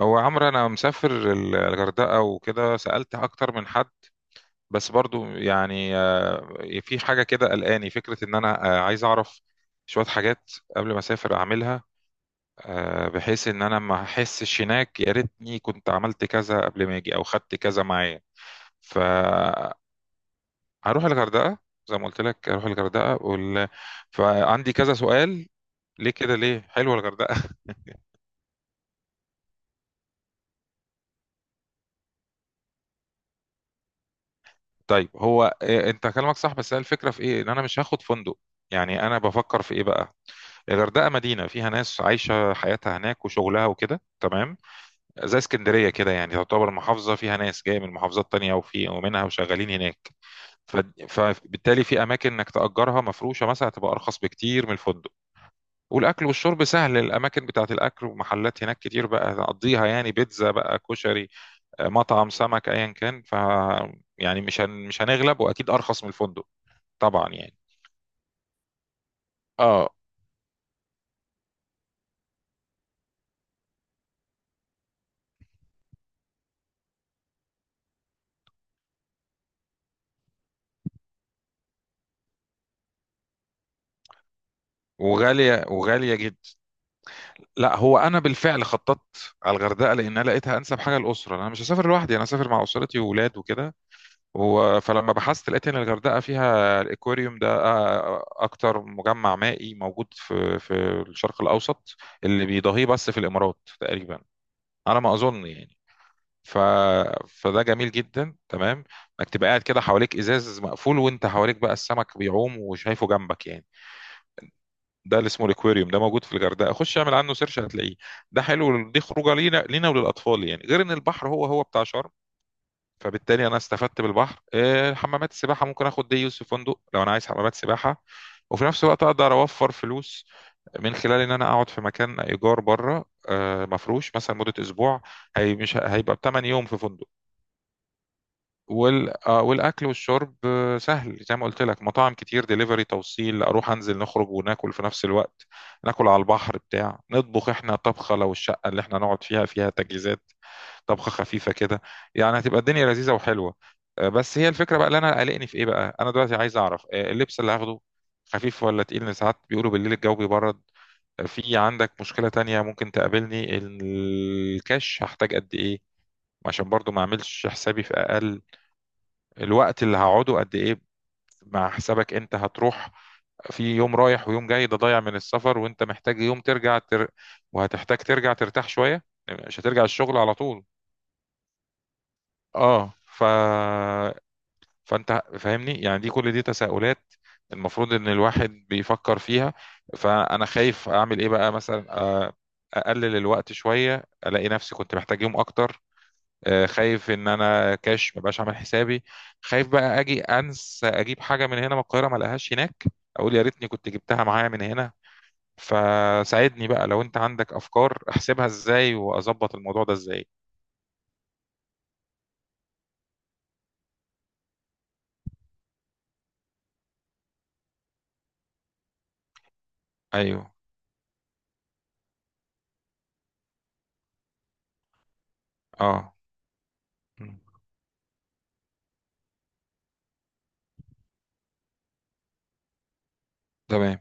هو عمرو، انا مسافر الغردقه وكده، سالت اكتر من حد. بس برضو يعني، في حاجه كده قلقاني، فكره ان انا عايز اعرف شويه حاجات قبل ما اسافر اعملها، بحيث ان انا ما احسش هناك، يا ريتني كنت عملت كذا قبل ما اجي او خدت كذا معايا. فهروح الغردقه، زي ما قلت لك اروح الغردقه فعندي كذا سؤال. ليه كده، ليه حلوه الغردقه؟ طيب، هو إيه؟ انت كلامك صح بس هي الفكره في ايه؟ ان انا مش هاخد فندق. يعني انا بفكر في ايه بقى؟ الغردقه مدينه فيها ناس عايشه حياتها هناك وشغلها وكده، تمام. زي اسكندريه كده، يعني تعتبر محافظه فيها ناس جايه من محافظات تانية، وفي ومنها وشغالين هناك. ف- فبالتالي في اماكن انك تاجرها مفروشه مثلا، تبقى ارخص بكتير من الفندق. والاكل والشرب سهل، الاماكن بتاعت الاكل ومحلات هناك كتير، بقى نقضيها يعني بيتزا بقى كشري، مطعم سمك، ايا كان. يعني مش هنغلب، واكيد ارخص من الفندق، طبعا يعني. اه، وغالية، وغالية جدا. لا، هو انا بالفعل خططت على الغردقة لان انا لقيتها انسب حاجة الاسرة، انا مش هسافر لوحدي، انا هسافر مع اسرتي وولاد وكده. هو فلما بحثت لقيت ان الغردقة فيها الاكواريوم ده، اكتر مجمع مائي موجود في الشرق الاوسط، اللي بيضاهيه بس في الامارات تقريبا، على ما اظن يعني. ف... فده جميل جدا، تمام. انك تبقى قاعد كده حواليك ازاز مقفول، وانت حواليك بقى السمك بيعوم وشايفه جنبك يعني. ده اللي اسمه الاكواريوم، ده موجود في الغردقه. خش اعمل عنه سيرش هتلاقيه. ده حلو، دي خروجه لينا لينا وللاطفال، يعني غير ان البحر هو هو بتاع شرم. فبالتالي انا استفدت بالبحر، حمامات السباحه ممكن اخد دي يوز في فندق لو انا عايز حمامات سباحه. وفي نفس الوقت اقدر اوفر فلوس من خلال ان انا اقعد في مكان ايجار بره، مفروش، مثلا مده اسبوع. هي مش هيبقى بثمان يوم في فندق. والاكل والشرب سهل زي ما قلت لك. مطاعم كتير، دليفري توصيل، اروح انزل نخرج وناكل في نفس الوقت. ناكل على البحر، بتاع نطبخ احنا طبخه لو الشقه اللي احنا نقعد فيها، فيها تجهيزات. طبخه خفيفه كده. يعني هتبقى الدنيا لذيذه وحلوه. بس هي الفكره بقى، اللي انا قلقني في ايه بقى؟ انا دلوقتي عايز اعرف اللبس اللي هاخده خفيف ولا تقيل؟ لأن ساعات بيقولوا بالليل الجو بيبرد. في عندك مشكله تانية ممكن تقابلني، الكاش هحتاج قد ايه؟ عشان برضو ما اعملش حسابي في اقل، الوقت اللي هقعده قد ايه؟ مع حسابك انت هتروح في يوم رايح ويوم جاي ده ضايع من السفر، وانت محتاج يوم ترجع وهتحتاج ترجع ترتاح شوية، مش هترجع الشغل على طول. اه. فانت فاهمني يعني، دي كل دي تساؤلات المفروض ان الواحد بيفكر فيها. فانا خايف اعمل ايه بقى، مثلا اقلل الوقت شوية الاقي نفسي كنت محتاج يوم اكتر. خايف ان انا كاش مبقاش عامل حسابي. خايف بقى اجي انسى اجيب حاجه من هنا من القاهره ما الاقيهاش هناك، اقول يا ريتني كنت جبتها معايا من هنا. فساعدني بقى، لو انت عندك افكار احسبها ازاي واظبط الموضوع ده ازاي. ايوه. اه. مم. تمام.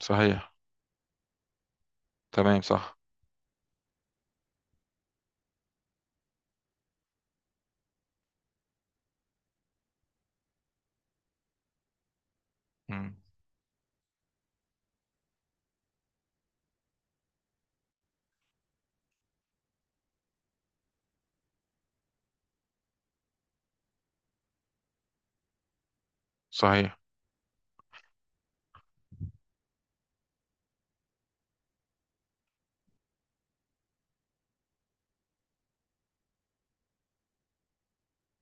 صحيح. تمام. صح. مم. صحيح.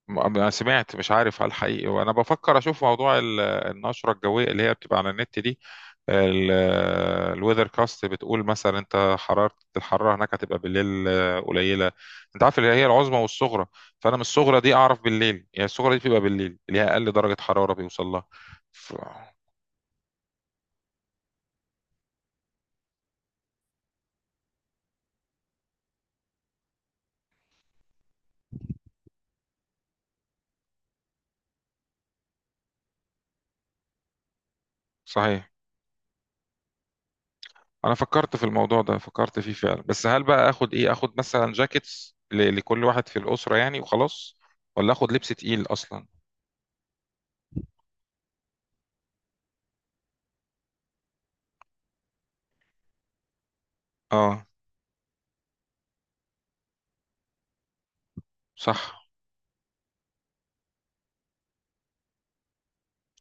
انا سمعت، مش عارف هل حقيقي، وانا بفكر اشوف موضوع النشره الجويه اللي هي بتبقى على النت دي. الويذر كاست بتقول مثلا، انت الحراره هناك هتبقى بالليل قليله. انت عارف اللي هي العظمى والصغرى. فانا من الصغرى دي اعرف بالليل، يعني الصغرى دي بتبقى بالليل، اللي هي اقل درجه حراره بيوصل لها. ف... صحيح. انا فكرت في الموضوع ده، فكرت فيه فعلا، بس هل بقى اخد ايه؟ اخد مثلا جاكيتس لكل واحد في الاسره يعني، وخلاص؟ ولا اخد لبس تقيل اصلا؟ اه صح.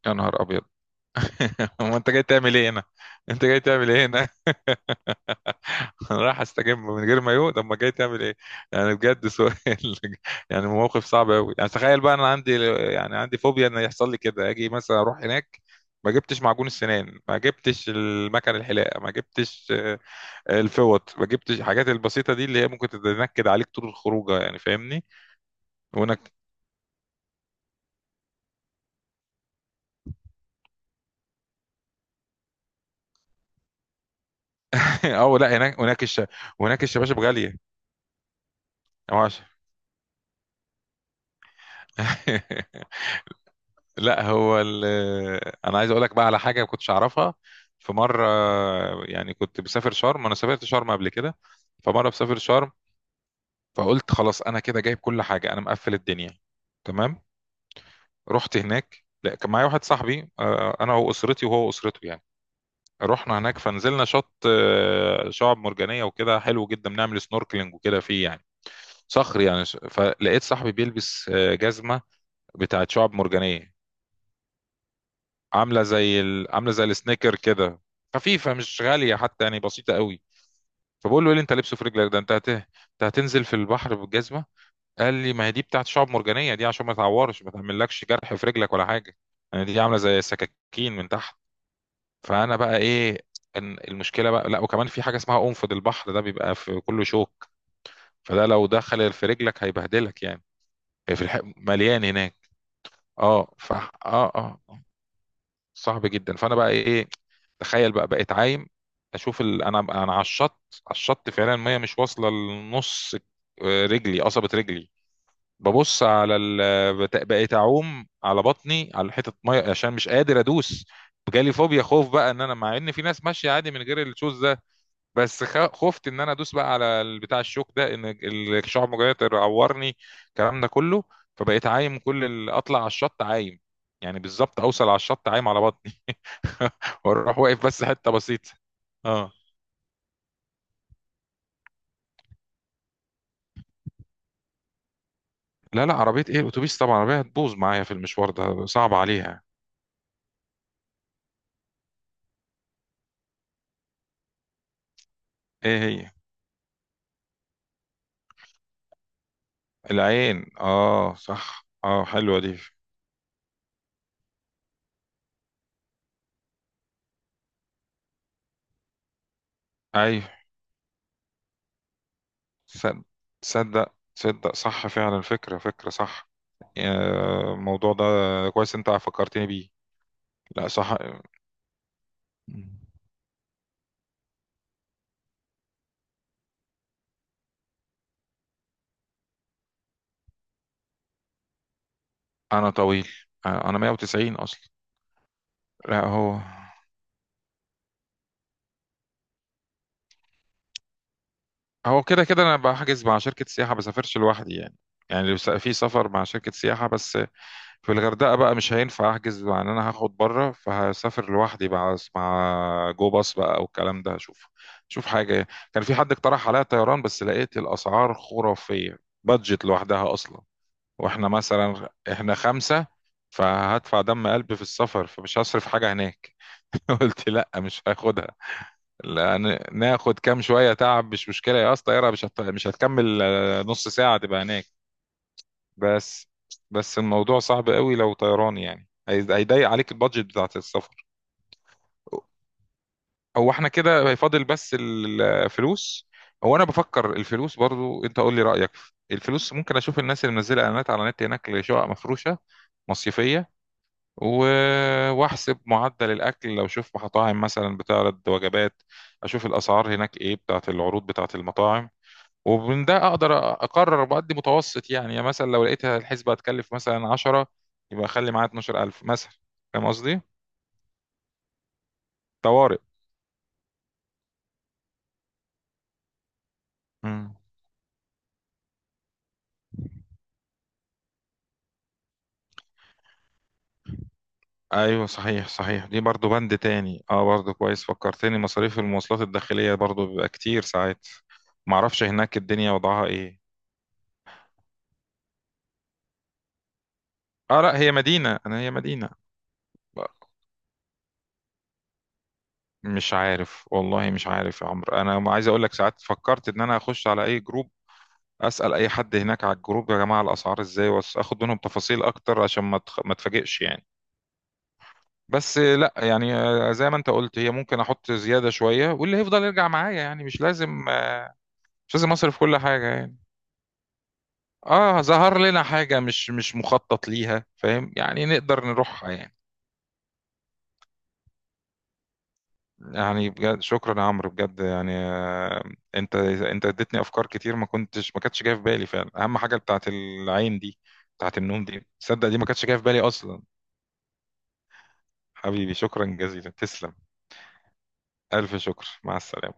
يا نهار ابيض! هو انت جاي تعمل ايه هنا؟ انت جاي تعمل ايه هنا؟ انا رايح استجم من غير مايو، طب ما جاي تعمل ايه؟ يعني بجد سؤال! يعني موقف صعب قوي. يعني تخيل بقى انا عندي، يعني عندي فوبيا ان يحصل لي كده، اجي مثلا اروح هناك، ما جبتش معجون السنان، ما جبتش المكن الحلاقه، ما جبتش الفوط، ما جبتش الحاجات البسيطه دي اللي هي ممكن تتنكد عليك طول الخروجه، يعني فاهمني. وهناك. اه لا، هناك هناك الشباشب غاليه. يا باشا! لا، هو ال... آه، انا عايز اقول لك بقى على حاجه ما كنتش اعرفها. في مره يعني كنت بسافر شرم، انا سافرت شرم قبل كده. فمره بسافر شرم، فقلت خلاص انا كده جايب كل حاجه، انا مقفل الدنيا. تمام. رحت هناك، لا كان معايا واحد صاحبي انا واسرتي وهو اسرته يعني. رحنا هناك فنزلنا شط شعاب مرجانيه وكده، حلو جدا، بنعمل سنوركلينج وكده فيه يعني. صخر يعني. فلقيت صاحبي بيلبس جزمه بتاعت شعاب مرجانيه، عامله زي السنيكر كده، خفيفه، مش غاليه حتى يعني، بسيطه قوي. فبقول له ايه اللي انت لابسه في رجلك ده؟ انت هتنزل في البحر بالجزمه؟ قال لي ما هي دي بتاعت شعب مرجانيه دي، عشان ما تعورش ما تعملكش جرح في رجلك ولا حاجه. يعني دي عامله زي سكاكين من تحت. فانا بقى ايه؟ ان المشكله بقى لا، وكمان في حاجه اسمها قنفذ البحر، ده بيبقى في كله شوك. فده لو دخل في رجلك هيبهدلك يعني. هي في مليان هناك. اه. ف اه اه صعب جدا. فانا بقى ايه؟ تخيل بقى بقيت عايم اشوف ال... انا انا على الشط، على الشط فعلا، الميه مش واصله لنص، رجلي، قصبه رجلي. ببص على ال... بت- بقيت اعوم على بطني على حته ميه عشان مش قادر ادوس. جالي فوبيا، خوف بقى، ان انا مع ان في ناس ماشيه عادي من غير الشوز ده، بس خفت ان انا ادوس بقى على بتاع الشوك ده، ان الشعب المرجانيه تعورني، الكلام ده كله. فبقيت عايم، اطلع على الشط عايم، يعني بالظبط اوصل على الشط عايم على بطني. واروح واقف بس حته بسيطه. اه، لا لا، عربيه ايه الاتوبيس؟ طبعا العربيه هتبوظ معايا في المشوار، ده صعب عليها. ايه هي؟ العين، اه صح. اه حلوه دي. ايوه. صد- تصدق، تصدق، صح فعلا. فكره فكره، صح. الموضوع ده كويس، انت فكرتني بيه. لا صح. انا طويل، انا 190 اصلا. لا، هو هو كده كده، انا بحجز مع شركه سياحه، بسافرش لوحدي يعني. يعني لو في سفر مع شركه سياحه بس. في الغردقة بقى مش هينفع أحجز، مع إن أنا هاخد بره، فهسافر لوحدي بقى مع جو باص بقى أو الكلام ده، هشوف. شوف حاجة. كان في حد اقترح عليا طيران بس لقيت الأسعار خرافية. بادجت لوحدها أصلا. وإحنا مثلا خمسة. فهدفع دم قلبي في السفر، فمش هصرف حاجة هناك. قلت لا، مش هاخدها. لأن ناخد كام شوية تعب مش مشكلة يا، أصلا طيارة مش هتكمل نص ساعة تبقى هناك. بس بس الموضوع صعب قوي لو طيران يعني، هيضيق عليك البادجت بتاعت السفر. هو احنا كده هيفاضل بس الفلوس. هو انا بفكر الفلوس برضو، انت قول لي رأيك. الفلوس ممكن اشوف الناس اللي منزله اعلانات على النت هناك لشقق مفروشه مصيفيه، و... واحسب معدل الاكل لو اشوف مطاعم مثلا بتعرض وجبات، اشوف الاسعار هناك ايه بتاعت العروض بتاعت المطاعم. ومن ده اقدر اقرر بقدي متوسط يعني. مثلا لو لقيت الحسبة هتكلف مثلا 10، يبقى اخلي معايا 12,000 مثلا، فاهم قصدي؟ طوارئ. مم. ايوه صحيح، صحيح، دي برضو بند تاني. اه، برضو كويس فكرتني، مصاريف المواصلات الداخلية برضو بيبقى كتير ساعات. معرفش هناك الدنيا وضعها ايه. اه لا، هي مدينة انا، هي مدينة. مش عارف، والله مش عارف يا عمرو. انا عايز اقول لك، ساعات فكرت ان انا اخش على اي جروب، اسال اي حد هناك على الجروب، يا جماعه الاسعار ازاي، واخد منهم تفاصيل اكتر، عشان ما تفاجئش يعني. بس لا يعني، زي ما انت قلت، هي ممكن احط زياده شويه، واللي هيفضل يرجع معايا يعني. مش لازم مش لازم اصرف كل حاجه يعني. اه، ظهر لنا حاجه مش مخطط ليها، فاهم يعني، نقدر نروحها يعني. يعني بجد شكرا يا عمرو، بجد يعني انت اديتني افكار كتير، ما كانتش جايه في بالي فعلا. اهم حاجه بتاعت العين دي، بتاعت النوم دي، تصدق دي ما كانتش جايه في بالي اصلا. حبيبي شكرا جزيلا، تسلم. ألف شكر، مع السلامة.